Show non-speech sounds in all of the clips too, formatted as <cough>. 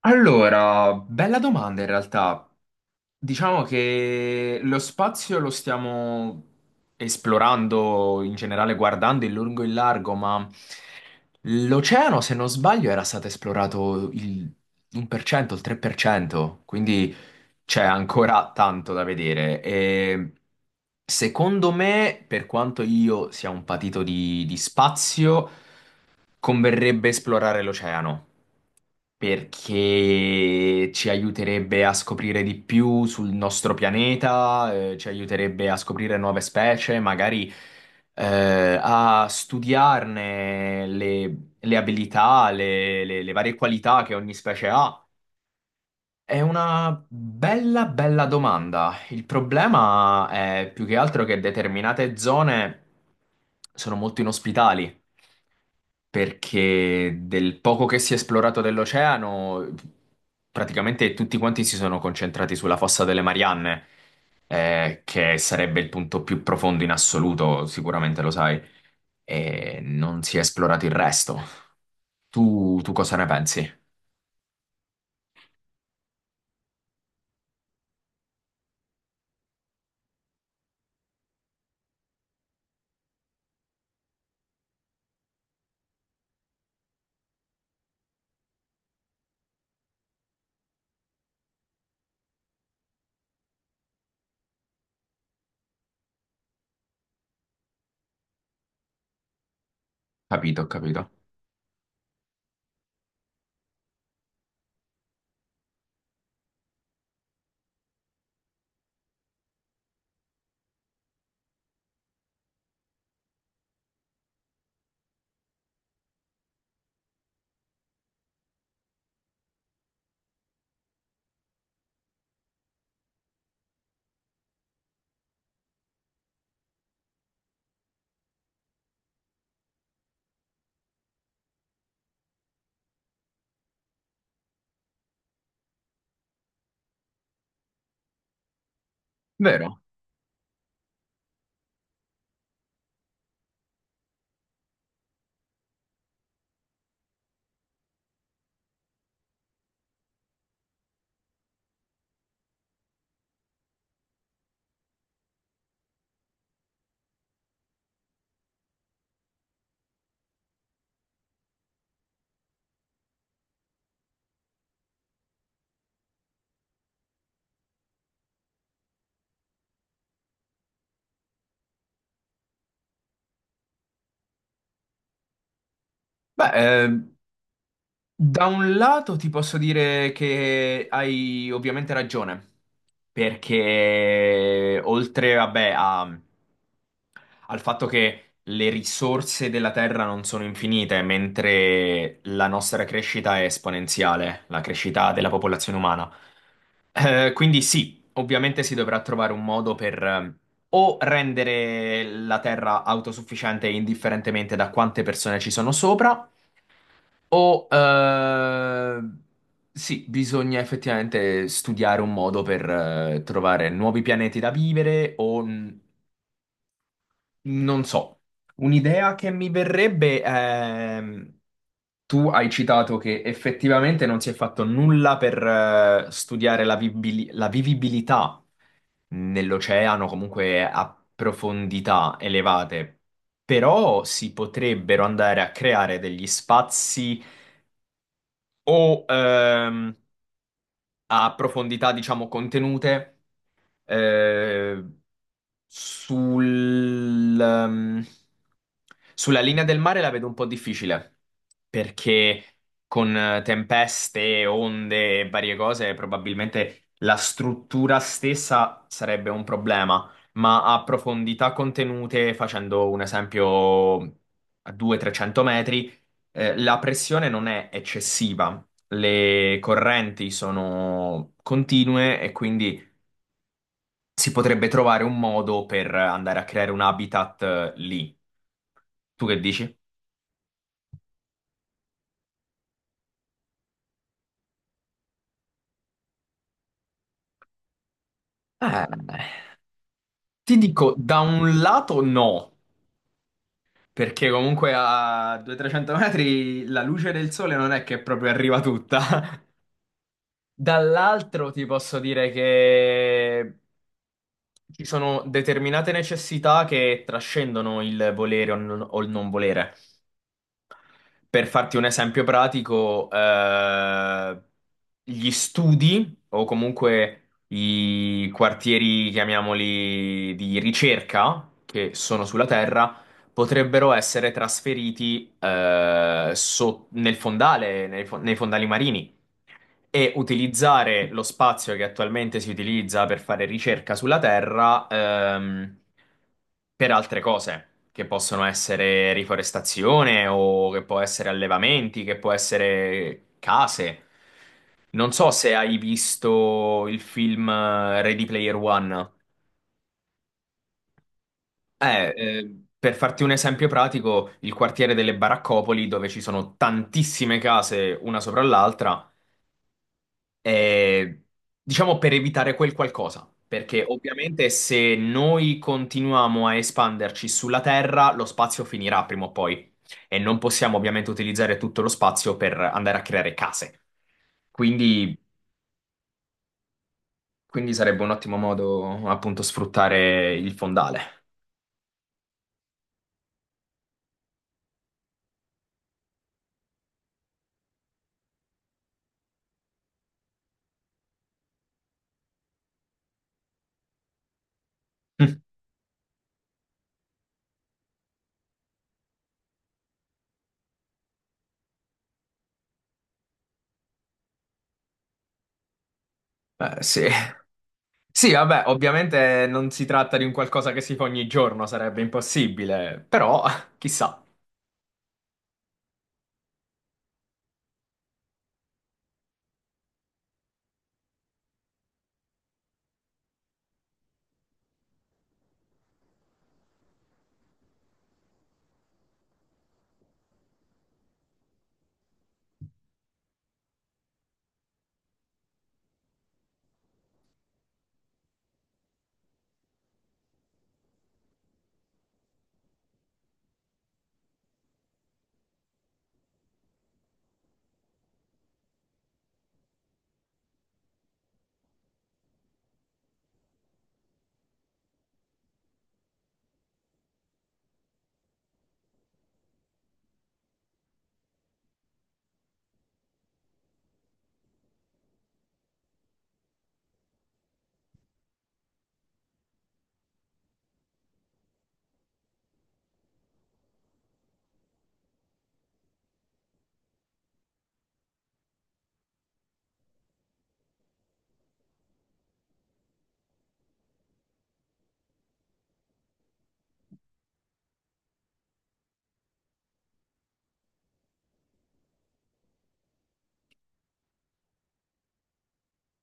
Allora, bella domanda in realtà. Diciamo che lo spazio lo stiamo esplorando in generale, guardando in lungo e in largo, ma l'oceano, se non sbaglio, era stato esplorato il 1%, il 3%, quindi c'è ancora tanto da vedere. E secondo me, per quanto io sia un patito di spazio, converrebbe esplorare l'oceano perché ci aiuterebbe a scoprire di più sul nostro pianeta, ci aiuterebbe a scoprire nuove specie, magari a studiarne le abilità, le varie qualità che ogni specie ha. È una bella domanda. Il problema è più che altro che determinate zone sono molto inospitali, perché del poco che si è esplorato dell'oceano, praticamente tutti quanti si sono concentrati sulla fossa delle Marianne, che sarebbe il punto più profondo in assoluto, sicuramente lo sai, e non si è esplorato il resto. Tu cosa ne pensi? Capito, ho capito. Vero? Beh, eh, da un lato ti posso dire che hai ovviamente ragione, perché oltre, vabbè, a... al fatto che le risorse della Terra non sono infinite, mentre la nostra crescita è esponenziale, la crescita della popolazione umana. Quindi sì, ovviamente si dovrà trovare un modo per o rendere la Terra autosufficiente indifferentemente da quante persone ci sono sopra, o sì, bisogna effettivamente studiare un modo per trovare nuovi pianeti da vivere o non so. Un'idea che mi verrebbe è... Tu hai citato che effettivamente non si è fatto nulla per studiare la vivibilità nell'oceano, comunque a profondità elevate, però si potrebbero andare a creare degli spazi o a profondità, diciamo, contenute. Eh, sul, sulla linea del mare la vedo un po' difficile perché con tempeste, onde e varie cose probabilmente la struttura stessa sarebbe un problema, ma a profondità contenute, facendo un esempio a 200-300 metri, la pressione non è eccessiva, le correnti sono continue e quindi si potrebbe trovare un modo per andare a creare un habitat lì. Tu che dici? Eh, Ti dico, da un lato no, perché comunque a 200-300 metri la luce del sole non è che proprio arriva tutta. <laughs> Dall'altro ti posso dire che ci sono determinate necessità che trascendono il volere o non o il non volere. Per farti un esempio pratico, gli studi o comunque i quartieri, chiamiamoli, di ricerca che sono sulla Terra potrebbero essere trasferiti nel fondale, nei fondali marini, e utilizzare lo spazio che attualmente si utilizza per fare ricerca sulla Terra per altre cose. Che possono essere riforestazione o che può essere allevamenti, che può essere case. Non so se hai visto il film Ready Player One. Per farti un esempio pratico, il quartiere delle Baraccopoli, dove ci sono tantissime case una sopra l'altra, è, diciamo, per evitare quel qualcosa, perché ovviamente se noi continuiamo a espanderci sulla Terra, lo spazio finirà prima o poi e non possiamo ovviamente utilizzare tutto lo spazio per andare a creare case. Quindi, quindi sarebbe un ottimo modo appunto sfruttare il fondale. <laughs> Sì. Sì, vabbè, ovviamente non si tratta di un qualcosa che si fa ogni giorno, sarebbe impossibile, però <laughs> chissà.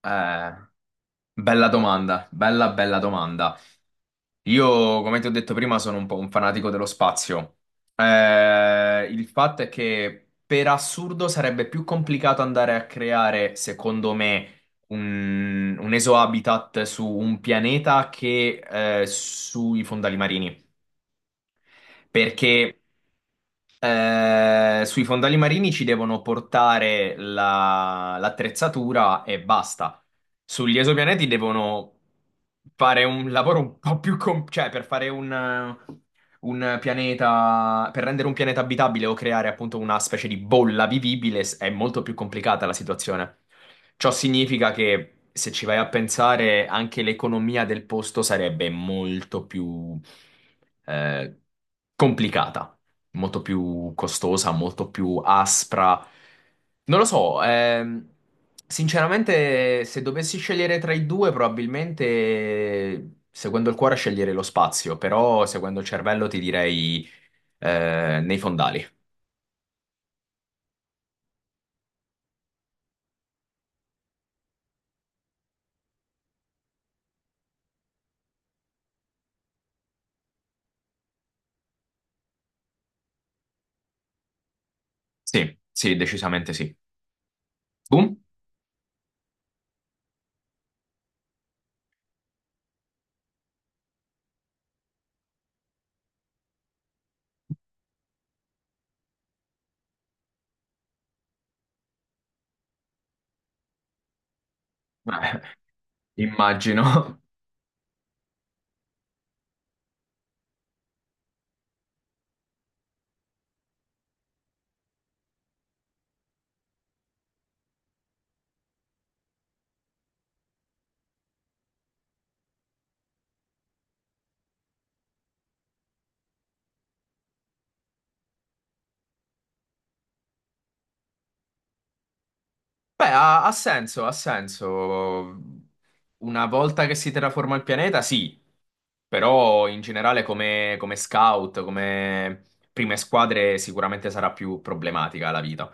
Eh, bella domanda, bella domanda. Io, come ti ho detto prima, sono un po' un fanatico dello spazio. Il fatto è che per assurdo sarebbe più complicato andare a creare, secondo me, un esohabitat su un pianeta che sui fondali marini. Perché sui fondali marini ci devono portare l'attrezzatura e basta. Sugli esopianeti devono fare un lavoro un po' più cioè per fare un pianeta, per rendere un pianeta abitabile o creare appunto una specie di bolla vivibile è molto più complicata la situazione. Ciò significa che se ci vai a pensare, anche l'economia del posto sarebbe molto più eh, complicata, molto più costosa, molto più aspra. Non lo so, sinceramente, se dovessi scegliere tra i due, probabilmente seguendo il cuore sceglierei lo spazio, però seguendo il cervello ti direi nei fondali. Sì, sì, decisamente sì. Boom? Eh, immagino. <laughs> Beh, ha senso, ha senso. Una volta che si terraforma il pianeta, sì. Però in generale come, come scout, come prime squadre, sicuramente sarà più problematica la vita.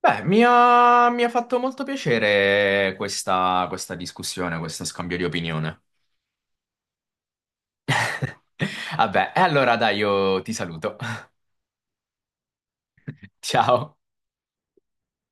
Beh, mi ha fatto molto piacere questa, questa discussione, questo scambio di opinione. <laughs> Vabbè, e allora dai, io ti saluto. <laughs> Ciao.